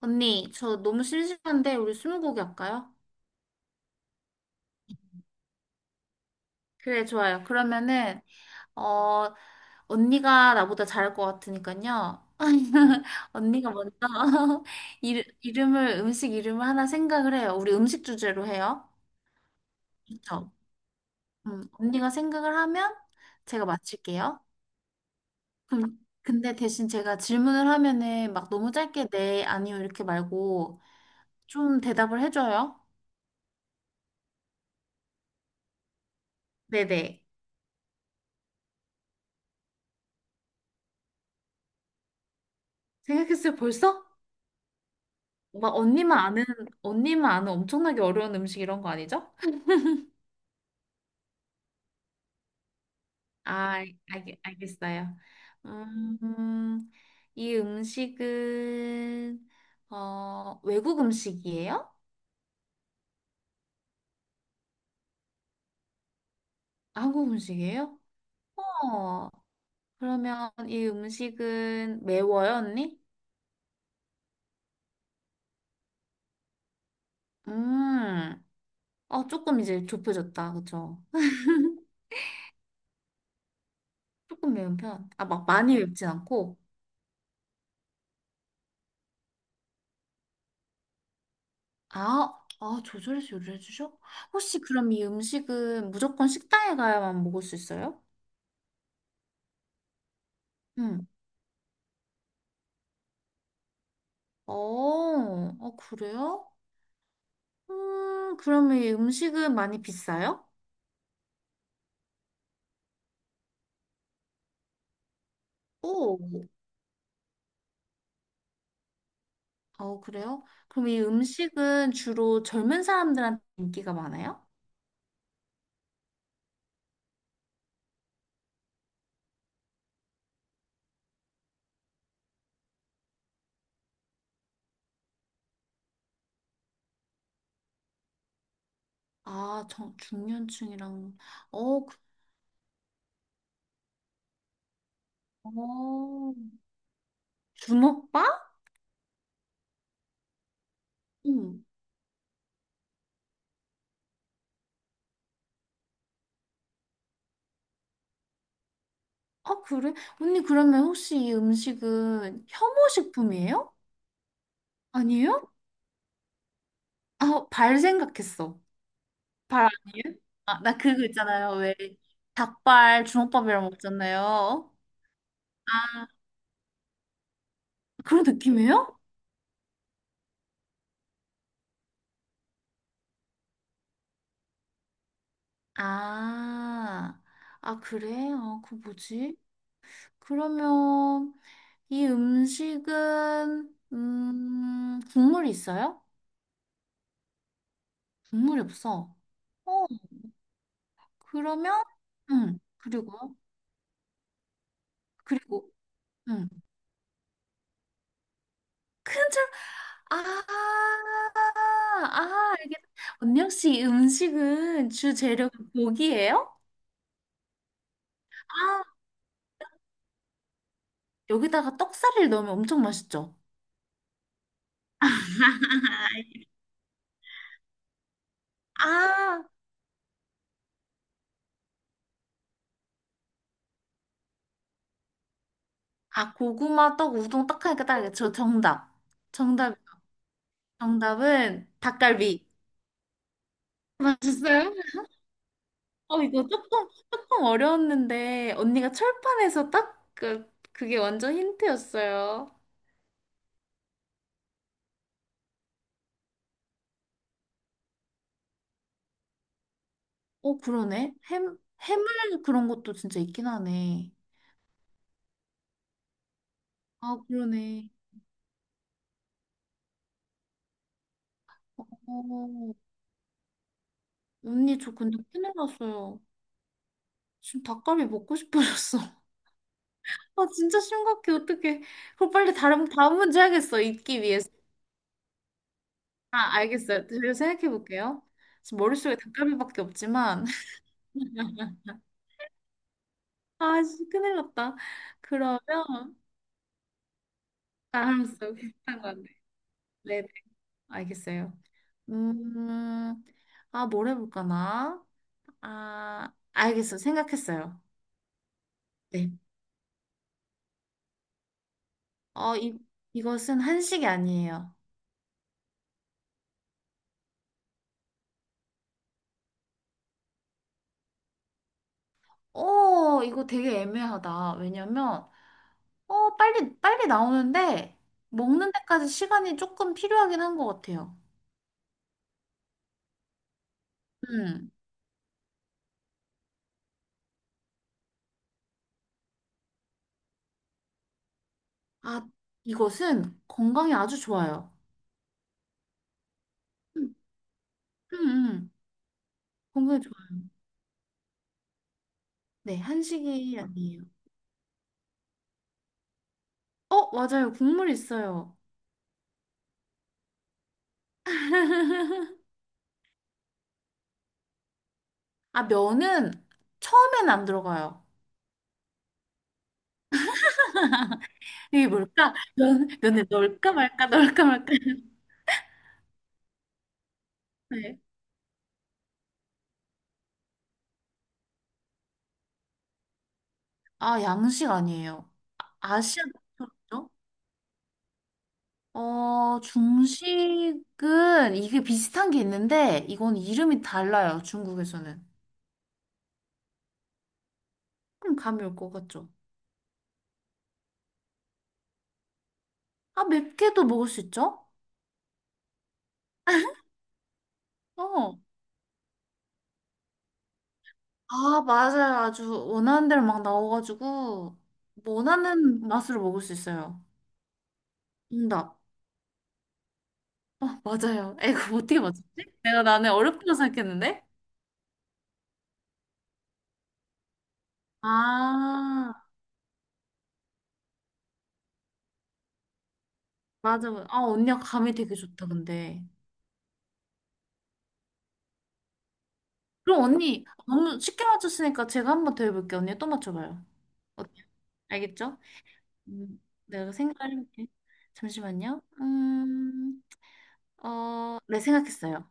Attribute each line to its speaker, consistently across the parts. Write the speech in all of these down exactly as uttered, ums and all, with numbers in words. Speaker 1: 언니, 저 너무 심심한데 우리 스무고개 할까요? 그래, 좋아요. 그러면은 어 언니가 나보다 잘할 것 같으니까요. 언니가 먼저 이 이름을 음식 이름을 하나 생각을 해요. 우리 음식 주제로 해요. 그렇죠? 음, 언니가 생각을 하면 제가 맞출게요. 그럼 근데 대신 제가 질문을 하면은 막 너무 짧게 네, 아니요 이렇게 말고 좀 대답을 해줘요. 네네. 생각했어요, 벌써? 막 언니만 아는 언니만 아는 엄청나게 어려운 음식 이런 거 아니죠? 아, 알, 알겠어요. 음, 이 음식은 어, 외국 음식이에요? 한국 음식이에요? 어, 그러면 이 음식은 매워요, 언니? 음, 어, 조금 이제 좁혀졌다, 그쵸? 조금 매운 편. 아, 막 많이 맵진 않고. 아, 아, 조절해서 요리해 주셔? 혹시 그럼 이 음식은 무조건 식당에 가야만 먹을 수 있어요? 응. 어, 어, 그래요? 음, 그럼 이 음식은 많이 비싸요? 오, 어, 그래요? 그럼 이 음식은 주로 젊은 사람들한테 인기가 많아요? 아, 저, 중년층이랑, 어, 그, 어, 주먹밥? 응. 아, 그래? 언니, 그러면 혹시 이 음식은 혐오식품이에요? 아니에요? 아, 어, 발 생각했어. 발 아니에요? 아, 나 그거 있잖아요. 왜 닭발 주먹밥이랑 먹잖아요. 아, 그런 느낌이에요? 아, 아, 그래? 아, 그 뭐지? 그러면 이 음식은 음, 국물이 있어요? 국물이 없어. 어, 그러면 응. 그리고 그리고 응. 큰 절, 아, 아, 알겠다. 언니 혹시 이 음식은 주 재료가 고기예요? 아, 여기다가 떡살을 넣으면 엄청 맛있죠? 아, 아, 고구마, 떡, 우동, 떡 하니까 딱 알겠죠? 정답. 정답, 정답은 닭갈비. 맞았어요? 어, 이거 조금, 조금 어려웠는데, 언니가 철판에서 딱 그, 그게 완전 힌트였어요. 어, 그러네. 햄, 해물 그런 것도 진짜 있긴 하네. 아, 그러네. 어, 어. 언니, 저 근데 큰일 났어요. 지금 닭갈비 먹고 싶어졌어. 아, 진짜 심각해. 어떡해. 그럼 빨리 다른, 다음 문제 하겠어. 잊기 위해서. 아, 알겠어요. 제가 생각해 볼게요. 지금 머릿속에 닭갈비밖에 없지만. 아, 진짜 큰일 났다. 그러면, 아, 알았어. 비슷한 데 네네. 알겠어요. 음, 아, 뭘 해볼까 나? 아, 알겠어. 생각했어요. 네. 어, 이, 이것은 한식이 아니에요. 오, 이거 되게 애매하다. 왜냐면, 어, 빨리, 빨리 나오는데, 먹는 데까지 시간이 조금 필요하긴 한 것 같아요. 음. 아, 이것은 건강에 아주 좋아요. 음, 음, 음. 건강에 좋아요. 네, 한식이 아니에요. 어, 맞아요. 국물 있어요. 아, 면은 처음엔 안 들어가요. 이게 뭘까? 면, 면에 넣을까 말까, 넣을까 말까. 네. 아, 양식 아니에요. 아- 아시아 쪽이죠? 어, 중식은 이게 비슷한 게 있는데 이건 이름이 달라요. 중국에서는. 좀 감이 올 것 같죠? 아, 맵게도 먹을 수 있죠? 어. 아, 맞아요. 아주 원하는 대로 막 나와가지고 뭐 원하는 맛으로 먹을 수 있어요. 정답. 아, 맞아요. 에이, 그거 어떻게 맞췄지? 내가 나는 어렵다고 생각했는데? 아, 맞아. 맞아. 아, 언니가 감이 되게 좋다, 근데. 그럼 언니 너무 쉽게 맞췄으니까 제가 한번 더 해볼게요. 언니 또 맞춰봐요. 어때요? 알겠죠? 음, 내가 생각 해볼게. 잠시만요. 음, 어, 네, 생각했어요.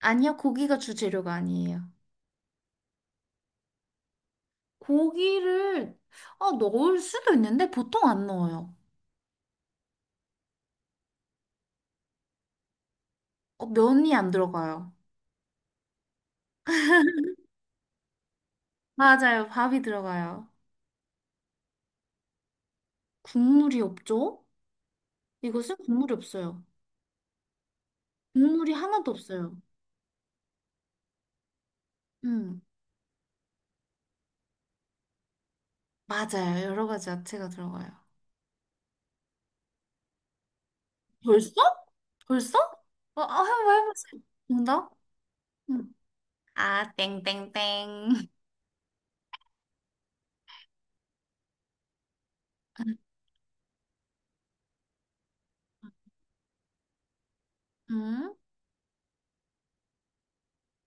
Speaker 1: 아니요, 고기가 주재료가 아니에요. 고기를 어, 넣을 수도 있는데 보통 안 넣어요. 어, 면이 안 들어가요. 맞아요, 밥이 들어가요. 국물이 없죠? 이것은 국물이 없어요. 국물이 하나도 없어요. 음, 맞아요. 여러 가지 야채가 들어가요. 벌써? 벌써? 어, 아, 해봐, 해보세요. 정답? 응. 아, 땡땡땡. 음?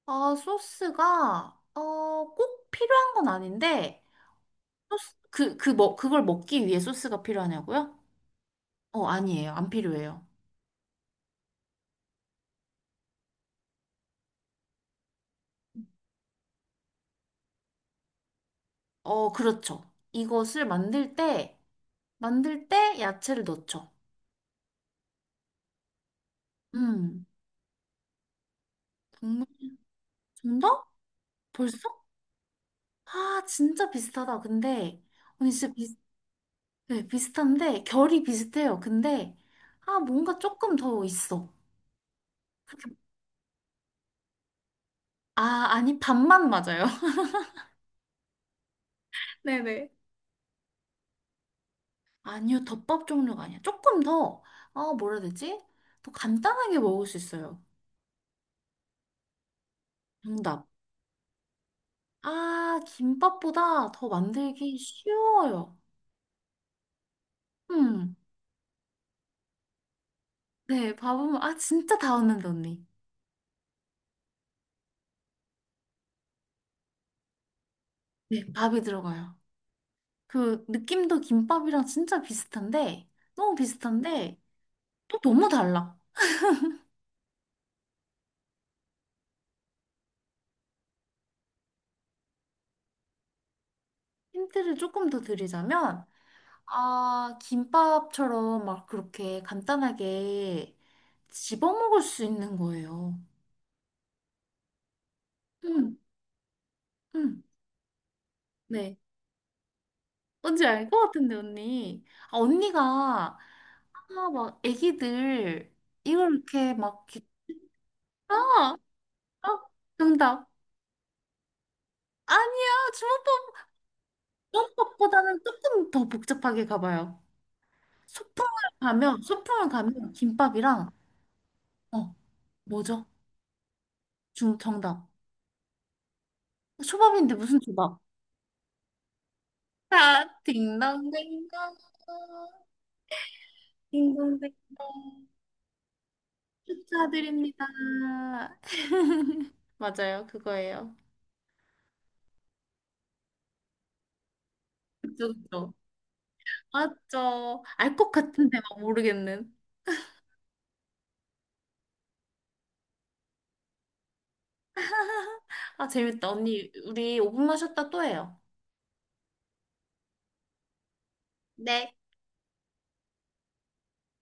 Speaker 1: 아, 소스가, 어, 꼭 필요한 건 아닌데, 소스, 그, 그, 뭐, 그걸 먹기 위해 소스가 필요하냐고요? 어, 아니에요. 안 필요해요. 어, 그렇죠. 이것을 만들 때, 만들 때 야채를 넣죠. 음, 정말, 정답? 벌써? 아, 진짜 비슷하다. 근데, 언니 진짜 비, 네, 비슷한데, 결이 비슷해요. 근데, 아, 뭔가 조금 더 있어. 아, 아니, 반만 맞아요. 네네. 아니요, 덮밥 종류가 아니야. 조금 더, 어, 뭐라 해야 되지? 더 간단하게 먹을 수 있어요. 정답. 아, 김밥보다 더 만들기 쉬워요. 음, 네, 밥은, 아, 진짜 다 왔는데, 언니. 네, 밥이 들어가요. 그, 느낌도 김밥이랑 진짜 비슷한데, 너무 비슷한데, 또 너무 달라. 힌트를 조금 더 드리자면, 아, 김밥처럼 막 그렇게 간단하게 집어먹을 수 있는 거예요. 응 응 네. 뭔지 알 것 같은데, 언니. 아, 언니가, 아, 막, 애기들, 이걸 이렇게 막, 이렇게- 아, 아, 정답. 아니야, 주먹밥, 주먹밥보다는 조금 더 복잡하게 가봐요. 소풍을 가면, 소풍을 가면 김밥이랑, 어, 뭐죠? 중, 정답. 초밥인데 무슨 초밥? 자, 딩동댕동. 딩동댕 축하드립니다. 맞아요, 그거예요. 그쵸, 그쵸. 맞죠. 알 것 같은데 막 모르겠는. 아, 재밌다. 언니, 우리 오 분만 쉬었다 또 해요. 네.